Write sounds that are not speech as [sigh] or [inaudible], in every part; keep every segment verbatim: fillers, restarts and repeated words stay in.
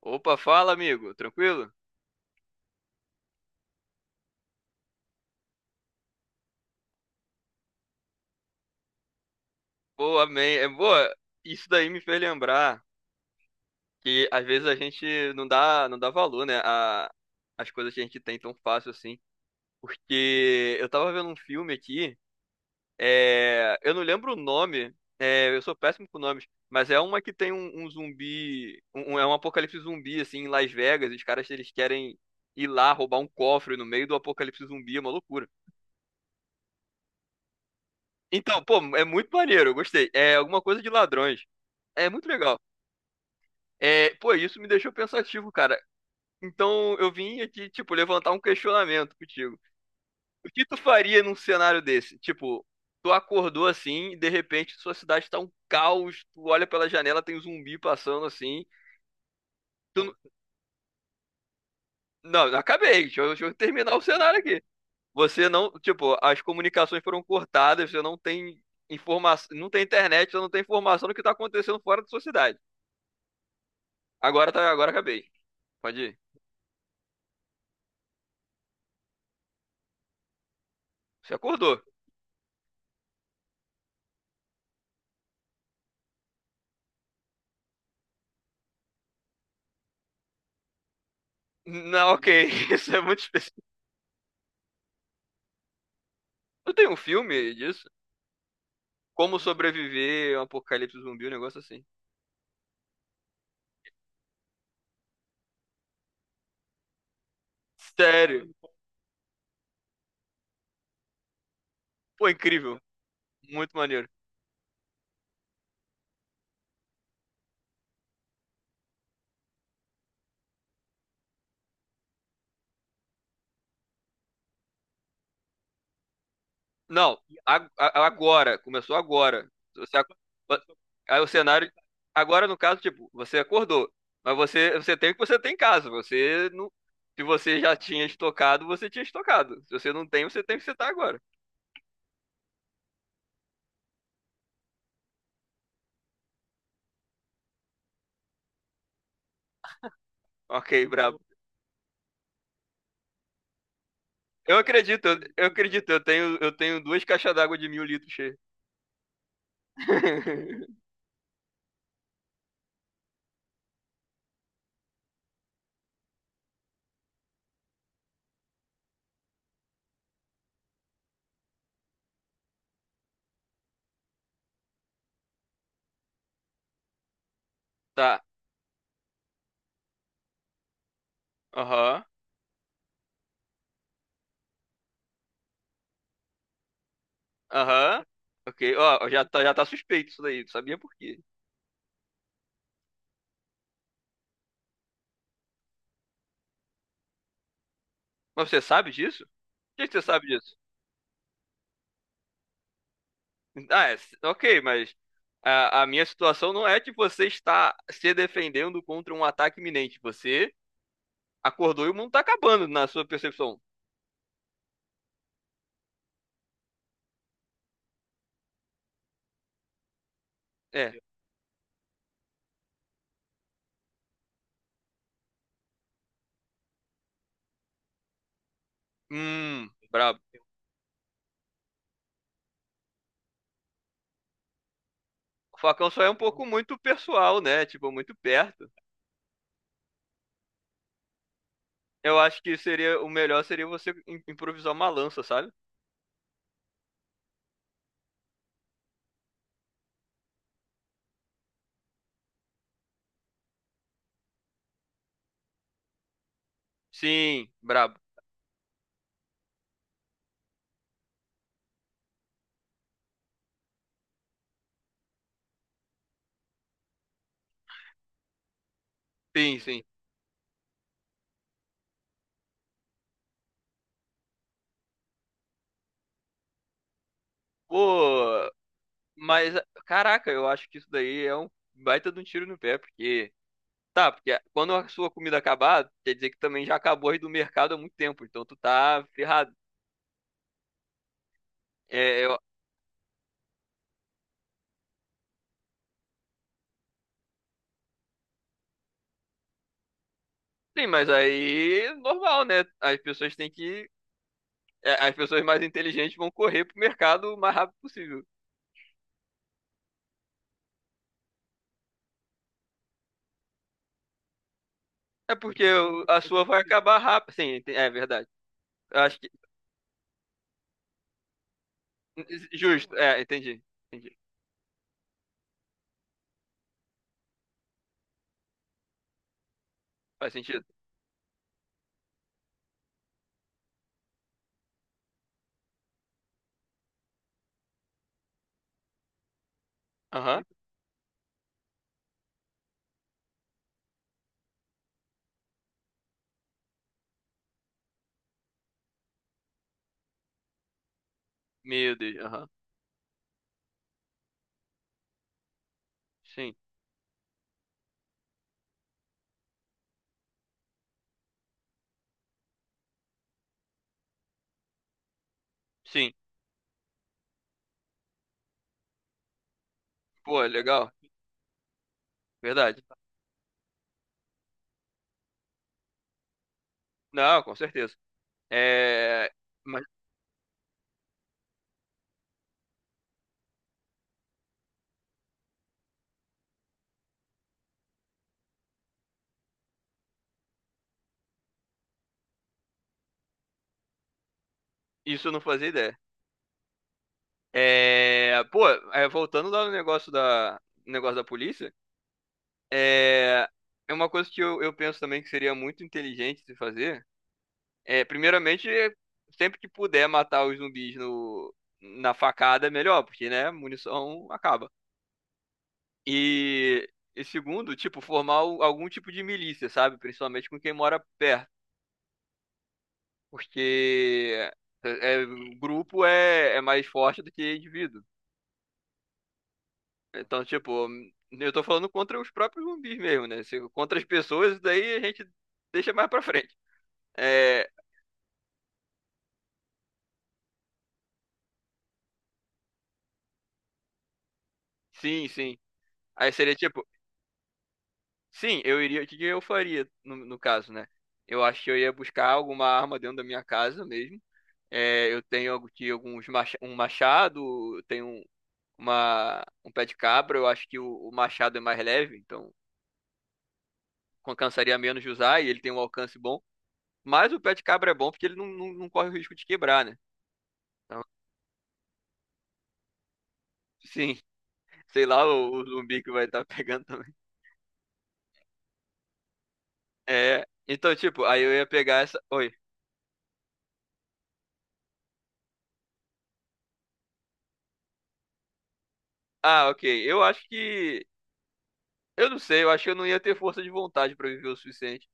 Opa, fala, amigo. Tranquilo? Boa, amém. É boa. Isso daí me fez lembrar que às vezes a gente não dá, não dá valor, né, a as coisas que a gente tem tão fácil assim. Porque eu tava vendo um filme aqui, é, eu não lembro o nome, é, eu sou péssimo com nomes, mas é uma que tem um, um zumbi, um- um, é um apocalipse zumbi assim em Las Vegas, e os caras eles querem ir lá roubar um cofre no meio do apocalipse zumbi, é uma loucura. Então, pô, é muito maneiro, eu gostei. É alguma coisa de ladrões. É muito legal. É, pô, isso me deixou pensativo, cara. Então eu vim aqui, tipo, levantar um questionamento contigo. O que tu faria num cenário desse? Tipo, tu acordou assim e de repente sua cidade tá um caos, tu olha pela janela, tem um zumbi passando assim. Tu... n- Não, não acabei, deixa eu, deixa eu terminar o cenário aqui. Você não, tipo, as comunicações foram cortadas, você não tem informação, não tem internet, você não tem informação do que tá acontecendo fora da sua cidade. Agora tá, agora acabei. Pode ir. Você acordou. Não, ok, [laughs] isso é muito específico. Não tem um filme disso? Como sobreviver a um apocalipse zumbi, um negócio assim. Sério. Pô, incrível. Muito maneiro. Não, a- a- agora. Começou agora. Você, ac- aí o cenário. Agora, no caso, tipo, você acordou. Mas você, você tem o que você tem em casa. Você não, se você já tinha estocado, você tinha estocado. Se você não tem, você tem o que você tá agora. Ok, brabo. Eu acredito, eu, eu acredito. Eu tenho, eu tenho duas caixas d'água de mil litros cheias. [laughs] Tá. Aham. Aham. Ok. Ó, já tá, já tá suspeito isso daí. Não sabia por quê. Mas você sabe disso? Por que que você sabe disso? Ah, é, s- ok, mas a, a minha situação não é de você estar se defendendo contra um ataque iminente. Você acordou e o mundo tá acabando, na sua percepção. É. Hum, brabo. O facão só é um pouco muito pessoal, né? Tipo, muito perto. Eu acho que seria o melhor seria você im- improvisar uma lança, sabe? Sim, brabo. Sim, sim. Pô. Mas, caraca, eu acho que isso daí é um baita de um tiro no pé, porque. Tá, porque quando a sua comida acabar, quer dizer que também já acabou aí do mercado há muito tempo, então tu tá ferrado. É, eu... Sim, mas aí normal, né? As pessoas têm que. é, As pessoas mais inteligentes vão correr pro mercado o mais rápido possível. É porque o- a sua vai acabar rápido. Sim, ente- é verdade. Eu acho que. Justo, é, entendi. Entendi. Faz sentido. Aham. Meu Deus, aham. Sim, sim. Pô, legal. Verdade. Não, com certeza. É, mas isso eu não fazia ideia. É, pô, é, voltando lá no negócio da, negócio da, polícia, é, é uma coisa que eu, eu penso também que seria muito inteligente de fazer. É, primeiramente, é, sempre que puder matar os zumbis no, na facada, é melhor, porque, né, munição acaba. E, e segundo, tipo, formar o- algum tipo de milícia, sabe? Principalmente com quem mora perto. Porque é, é- grupo é, é mais forte do que indivíduo. Então, tipo, eu tô falando contra os próprios zumbis mesmo, né? Se- Contra as pessoas, isso daí a gente deixa mais pra frente. É, sim, sim. Aí seria tipo, sim, eu iria. O que que eu faria no, no caso, né? Eu acho que eu ia buscar alguma arma dentro da minha casa mesmo. É, eu tenho aqui alguns macha- um machado, eu tenho um- uma, um pé de cabra. Eu acho que o, o machado é mais leve, então. Cansaria menos de usar e ele tem um alcance bom. Mas o pé de cabra é bom porque ele não, não, não corre o risco de quebrar, né? Então, [laughs] sim, sei lá o, o zumbi que vai estar [laughs] pegando também. É, então, tipo, aí eu ia pegar essa. Oi. Ah, ok. Eu acho que. Eu não sei, eu acho que eu não ia ter força de vontade pra viver o suficiente.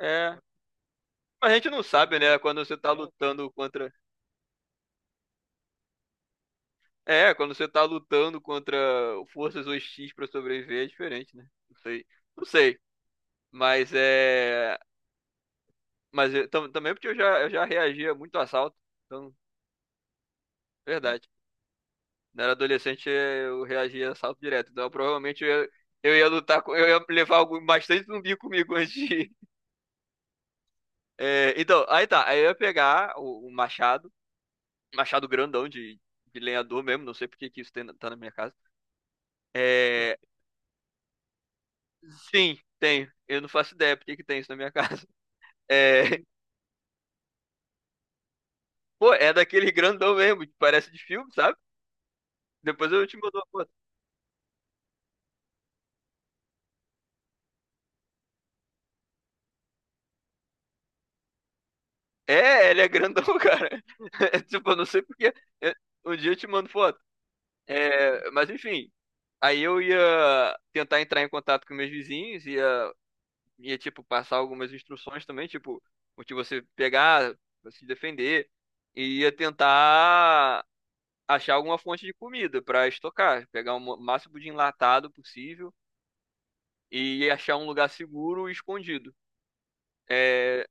É. Mas a gente não sabe, né? Quando você tá lutando contra. É, quando você tá lutando contra forças hostis pra sobreviver, é diferente, né? Não sei. Não sei. Mas é. Mas eu tam- também porque eu já, eu já, reagia muito a assalto. Então, verdade. Quando eu era adolescente, eu reagia a assalto direto. Então, provavelmente eu ia, eu ia lutar com. Eu ia levar algo bastante zumbi comigo [laughs] antes de ir. É, então, aí tá. Aí eu ia pegar o, o machado. Machado grandão de, de lenhador mesmo. Não sei por que que isso tem, na- tá na minha casa. É, sim, tem. Eu não faço ideia por que que tem isso na minha casa. É, [laughs] pô, é daquele grandão mesmo, que parece de filme, sabe? Depois eu te mando. É, ele é grandão, [laughs] cara. É, tipo, eu não sei porque. é, Um dia eu te mando foto. É, mas enfim, aí eu ia tentar entrar em contato com meus vizinhos, ia, ia tipo, passar algumas instruções também, tipo, o que você pegar, pra se defender, e ia tentar achar alguma fonte de comida pra estocar, pegar o mo- máximo de enlatado possível e ia achar um lugar seguro e escondido. É,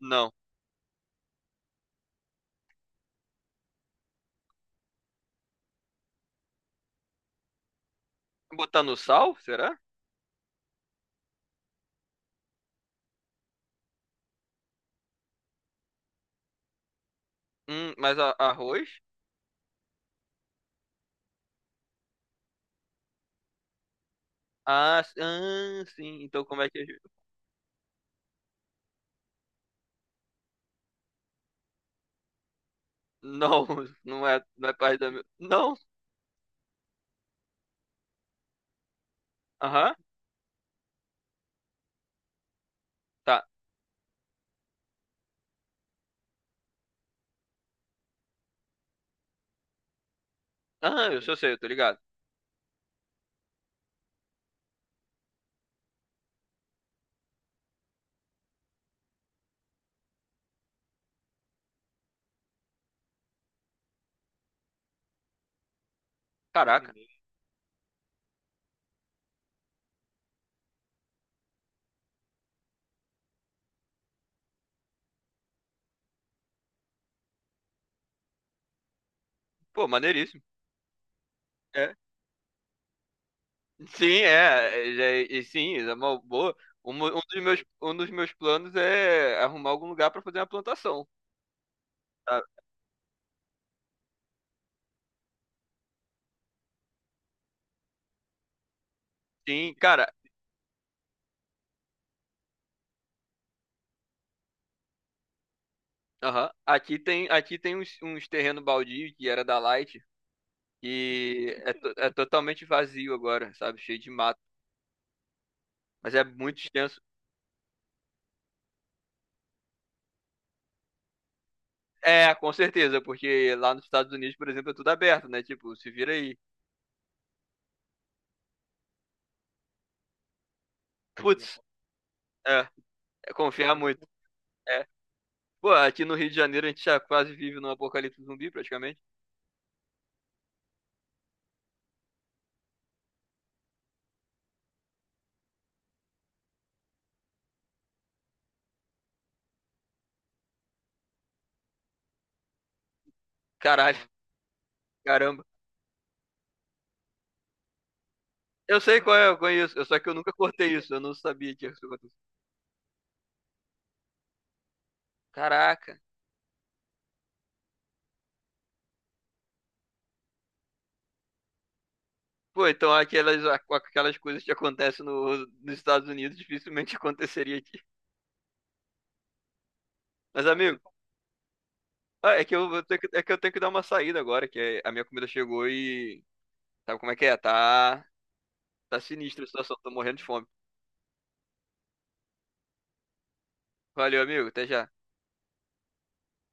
não. Botar no sal, será? Hum, mas a- arroz? Ah, s- ah, sim. Então como é que. Não, [laughs] não é, não é parte da minha. Não. Aham. Tá. Ah, eu só sei, eu tô ligado. Caraca. Pô, maneiríssimo. É. Sim, é. é, é, e sim, é uma boa. Um, um dos meus, um dos meus planos é arrumar algum lugar pra fazer uma plantação, sabe? Sim, cara. Aham. Aqui tem, aqui tem uns, uns terreno baldio que era da Light. E é, to- é totalmente vazio agora, sabe? Cheio de mato. Mas é muito extenso. É, com certeza, porque lá nos Estados Unidos, por exemplo, é tudo aberto, né? Tipo, se vira aí. Putz, é, é confiar muito. É. Pô, aqui no Rio de Janeiro a gente já quase vive num apocalipse zumbi, praticamente. Caralho, caramba. Eu sei qual é, eu conheço, eu- só que eu nunca cortei isso, eu não sabia que ia acontecer. Caraca. Pô, então aquelas, aquelas, coisas que acontecem no, nos Estados Unidos dificilmente [laughs] aconteceria aqui. Mas, amigo, ah, é que eu vou ter que, é que eu tenho que dar uma saída agora, que é- a minha comida chegou e. Sabe como é que é? Tá. Tá sinistra a situação, tô morrendo de fome. Valeu, amigo, até já.